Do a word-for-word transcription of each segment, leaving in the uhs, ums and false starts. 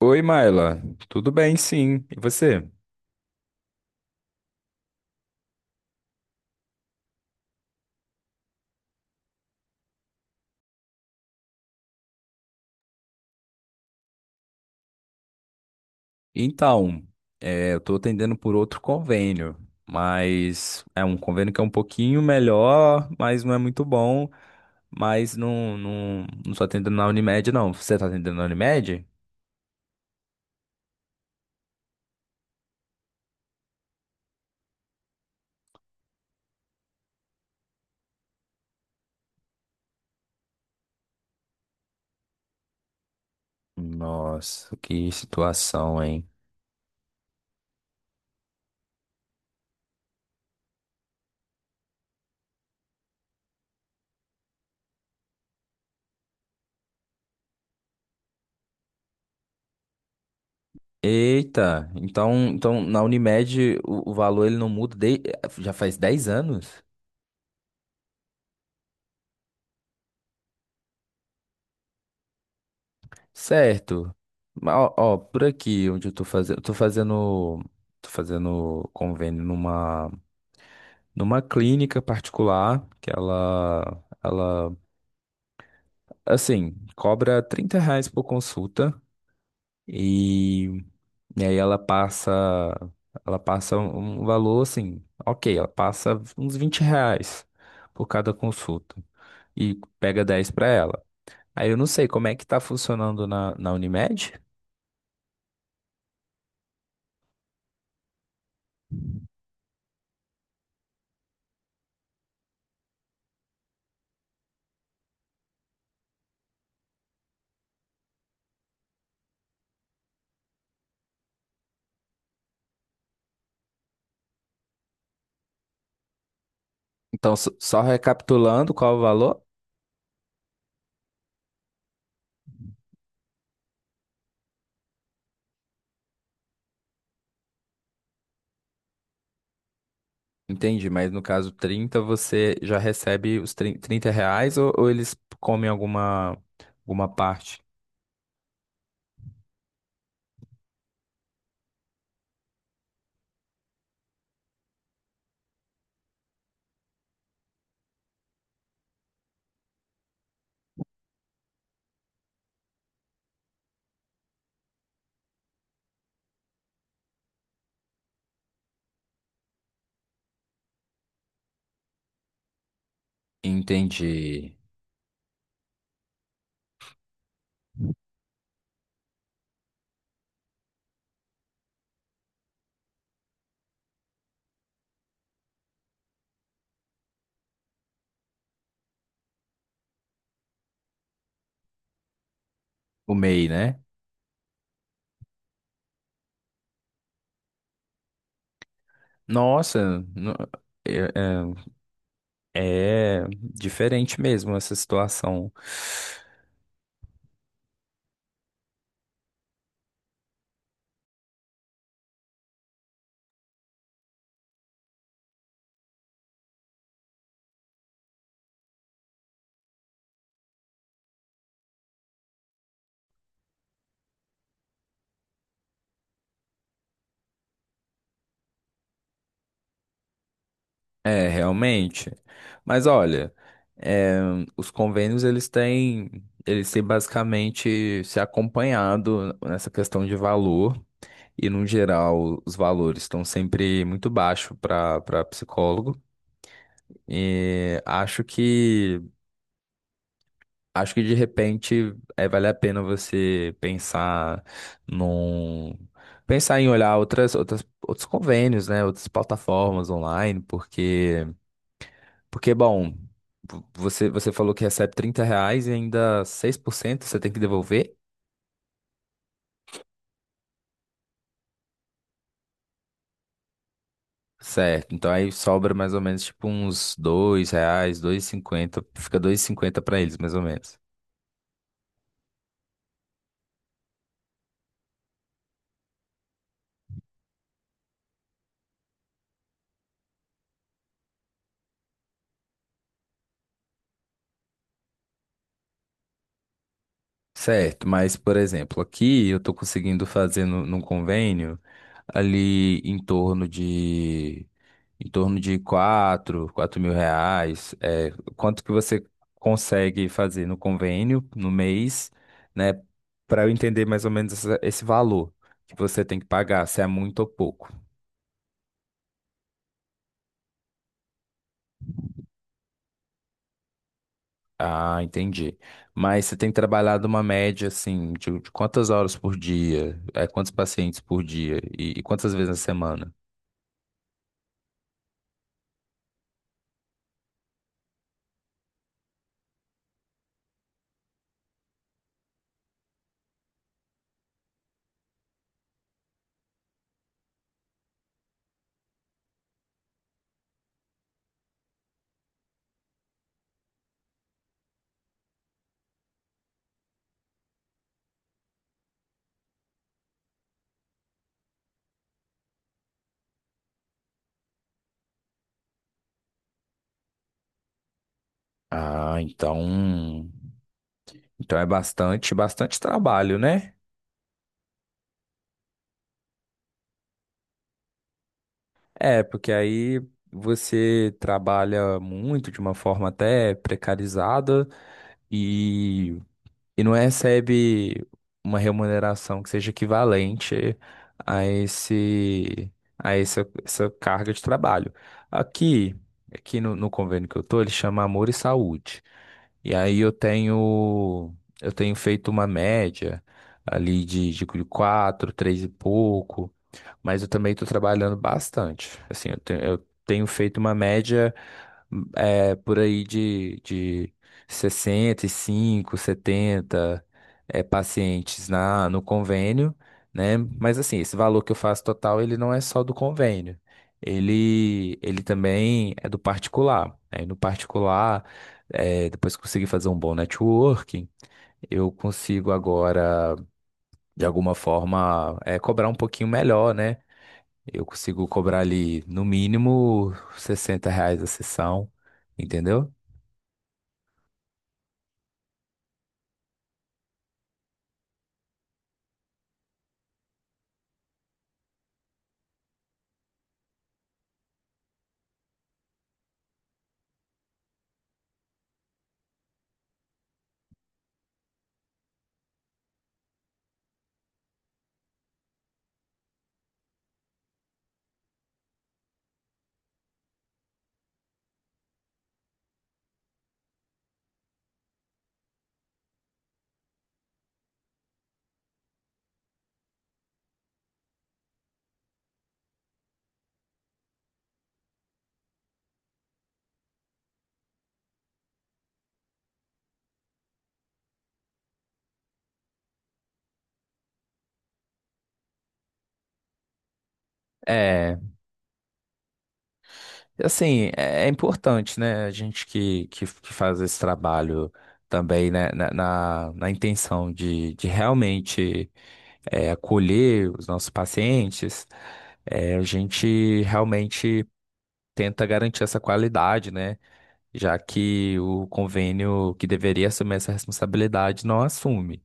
Oi, Maila. Tudo bem, sim. E você? Então, é, eu estou atendendo por outro convênio, mas é um convênio que é um pouquinho melhor, mas não é muito bom. Mas não, não, não estou atendendo na Unimed, não. Você está atendendo na Unimed? Nossa, que situação, hein? Eita, então, então na Unimed o, o valor ele não muda de- já faz dez anos? Certo. Mas, ó, ó, por aqui onde eu tô fazendo, eu tô fazendo, tô fazendo convênio numa numa clínica particular que ela ela assim, cobra trinta reais por consulta e, e aí ela passa ela passa um um valor assim, OK, ela passa uns vinte reais por cada consulta e pega dez para ela. Aí eu não sei como é que tá funcionando na, na Unimed. Então, só só recapitulando qual o valor? Entendi, mas no caso trinta, você já recebe os trinta trinta reais ou, ou eles comem alguma, alguma parte? Entendi. O M E I, né? Nossa, no- é, é- é diferente mesmo essa situação. É, realmente. Mas olha, é, os convênios eles têm, eles têm basicamente se acompanhado nessa questão de valor. E, no geral, os valores estão sempre muito baixo para para psicólogo. E acho que acho que de repente é, vale a pena você pensar num pensar em olhar outras, outras outros convênios, né? Outras plataformas online, porque porque bom, vo- você você falou que recebe trinta reais e ainda seis por cento você tem que devolver. Certo, então aí sobra mais ou menos tipo uns dois reais, dois e cinquenta, fica dois e cinquenta para eles mais ou menos. Certo, mas por exemplo, aqui eu tô conseguindo fazer no, num convênio ali em torno de em torno de quatro, quatro mil reais. É, quanto que você consegue fazer no convênio no mês, né? Para eu entender mais ou menos essa- esse valor que você tem que pagar, se é muito ou pouco. Ah, entendi. Mas você tem trabalhado uma média, assim, de, de quantas horas por dia? É, quantos pacientes por dia? E, e quantas vezes na semana? Ah, então. Então é bastante, bastante trabalho, né? É, porque aí você trabalha muito de uma forma até precarizada. E e não recebe uma remuneração que seja equivalente a esse a essa, essa carga de trabalho. Aqui, aqui no, no convênio que eu tô, ele chama Amor e Saúde. E aí eu tenho eu tenho feito uma média ali de, de quatro, três e pouco, mas eu também estou trabalhando bastante. Assim, eu tenho, eu tenho feito uma média é, por aí de, de sessenta e cinco, setenta é, pacientes na, no convênio, né? Mas assim, esse valor que eu faço total, ele não é só do convênio. Ele, ele também é do particular. Aí no particular, é, depois que consegui fazer um bom networking, eu consigo agora, de alguma forma, é, cobrar um pouquinho melhor, né? Eu consigo cobrar ali, no mínimo, sessenta reais a sessão, entendeu? É, assim, é, é importante, né? A gente que, que, que faz esse trabalho também, né? Na, na, na intenção de, de realmente é, acolher os nossos pacientes, é, a gente realmente tenta garantir essa qualidade, né? Já que o convênio que deveria assumir essa responsabilidade não assume.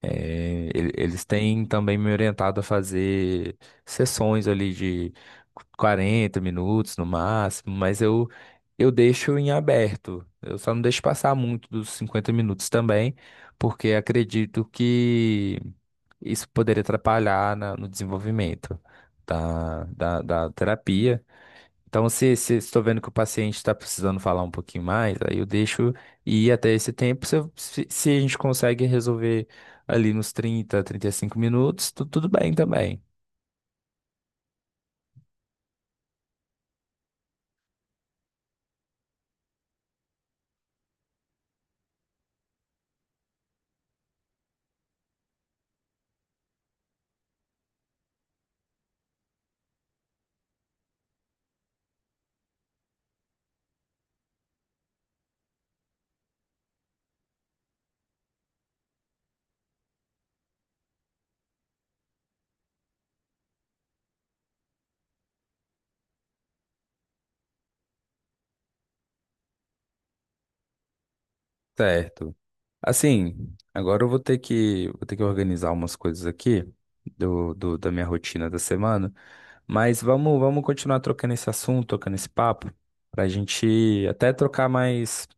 É, ele- eles têm também me orientado a fazer sessões ali de quarenta minutos no máximo, mas eu, eu deixo em aberto. Eu só não deixo passar muito dos cinquenta minutos também, porque acredito que isso poderia atrapalhar na- no desenvolvimento da, da, da terapia. Então, se, se estou vendo que o paciente está precisando falar um pouquinho mais, aí eu deixo ir até esse tempo. Se, eu- se, se a gente consegue resolver ali nos trinta, trinta e cinco minutos, tu- tudo bem também. Certo. Assim, agora eu vou ter que, vou ter que organizar umas coisas aqui do, do- da minha rotina da semana, mas vamos, vamos continuar trocando esse assunto, trocando esse papo, para a gente até trocar mais.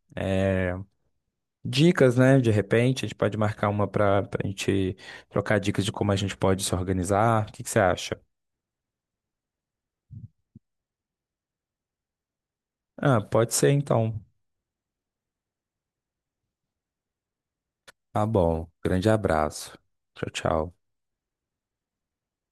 Dicas, né? De repente, a gente pode marcar uma para a gente trocar dicas de como a gente pode se organizar. O que que você acha? Ah, pode ser então. Tá bom. Grande abraço. Tchau, tchau.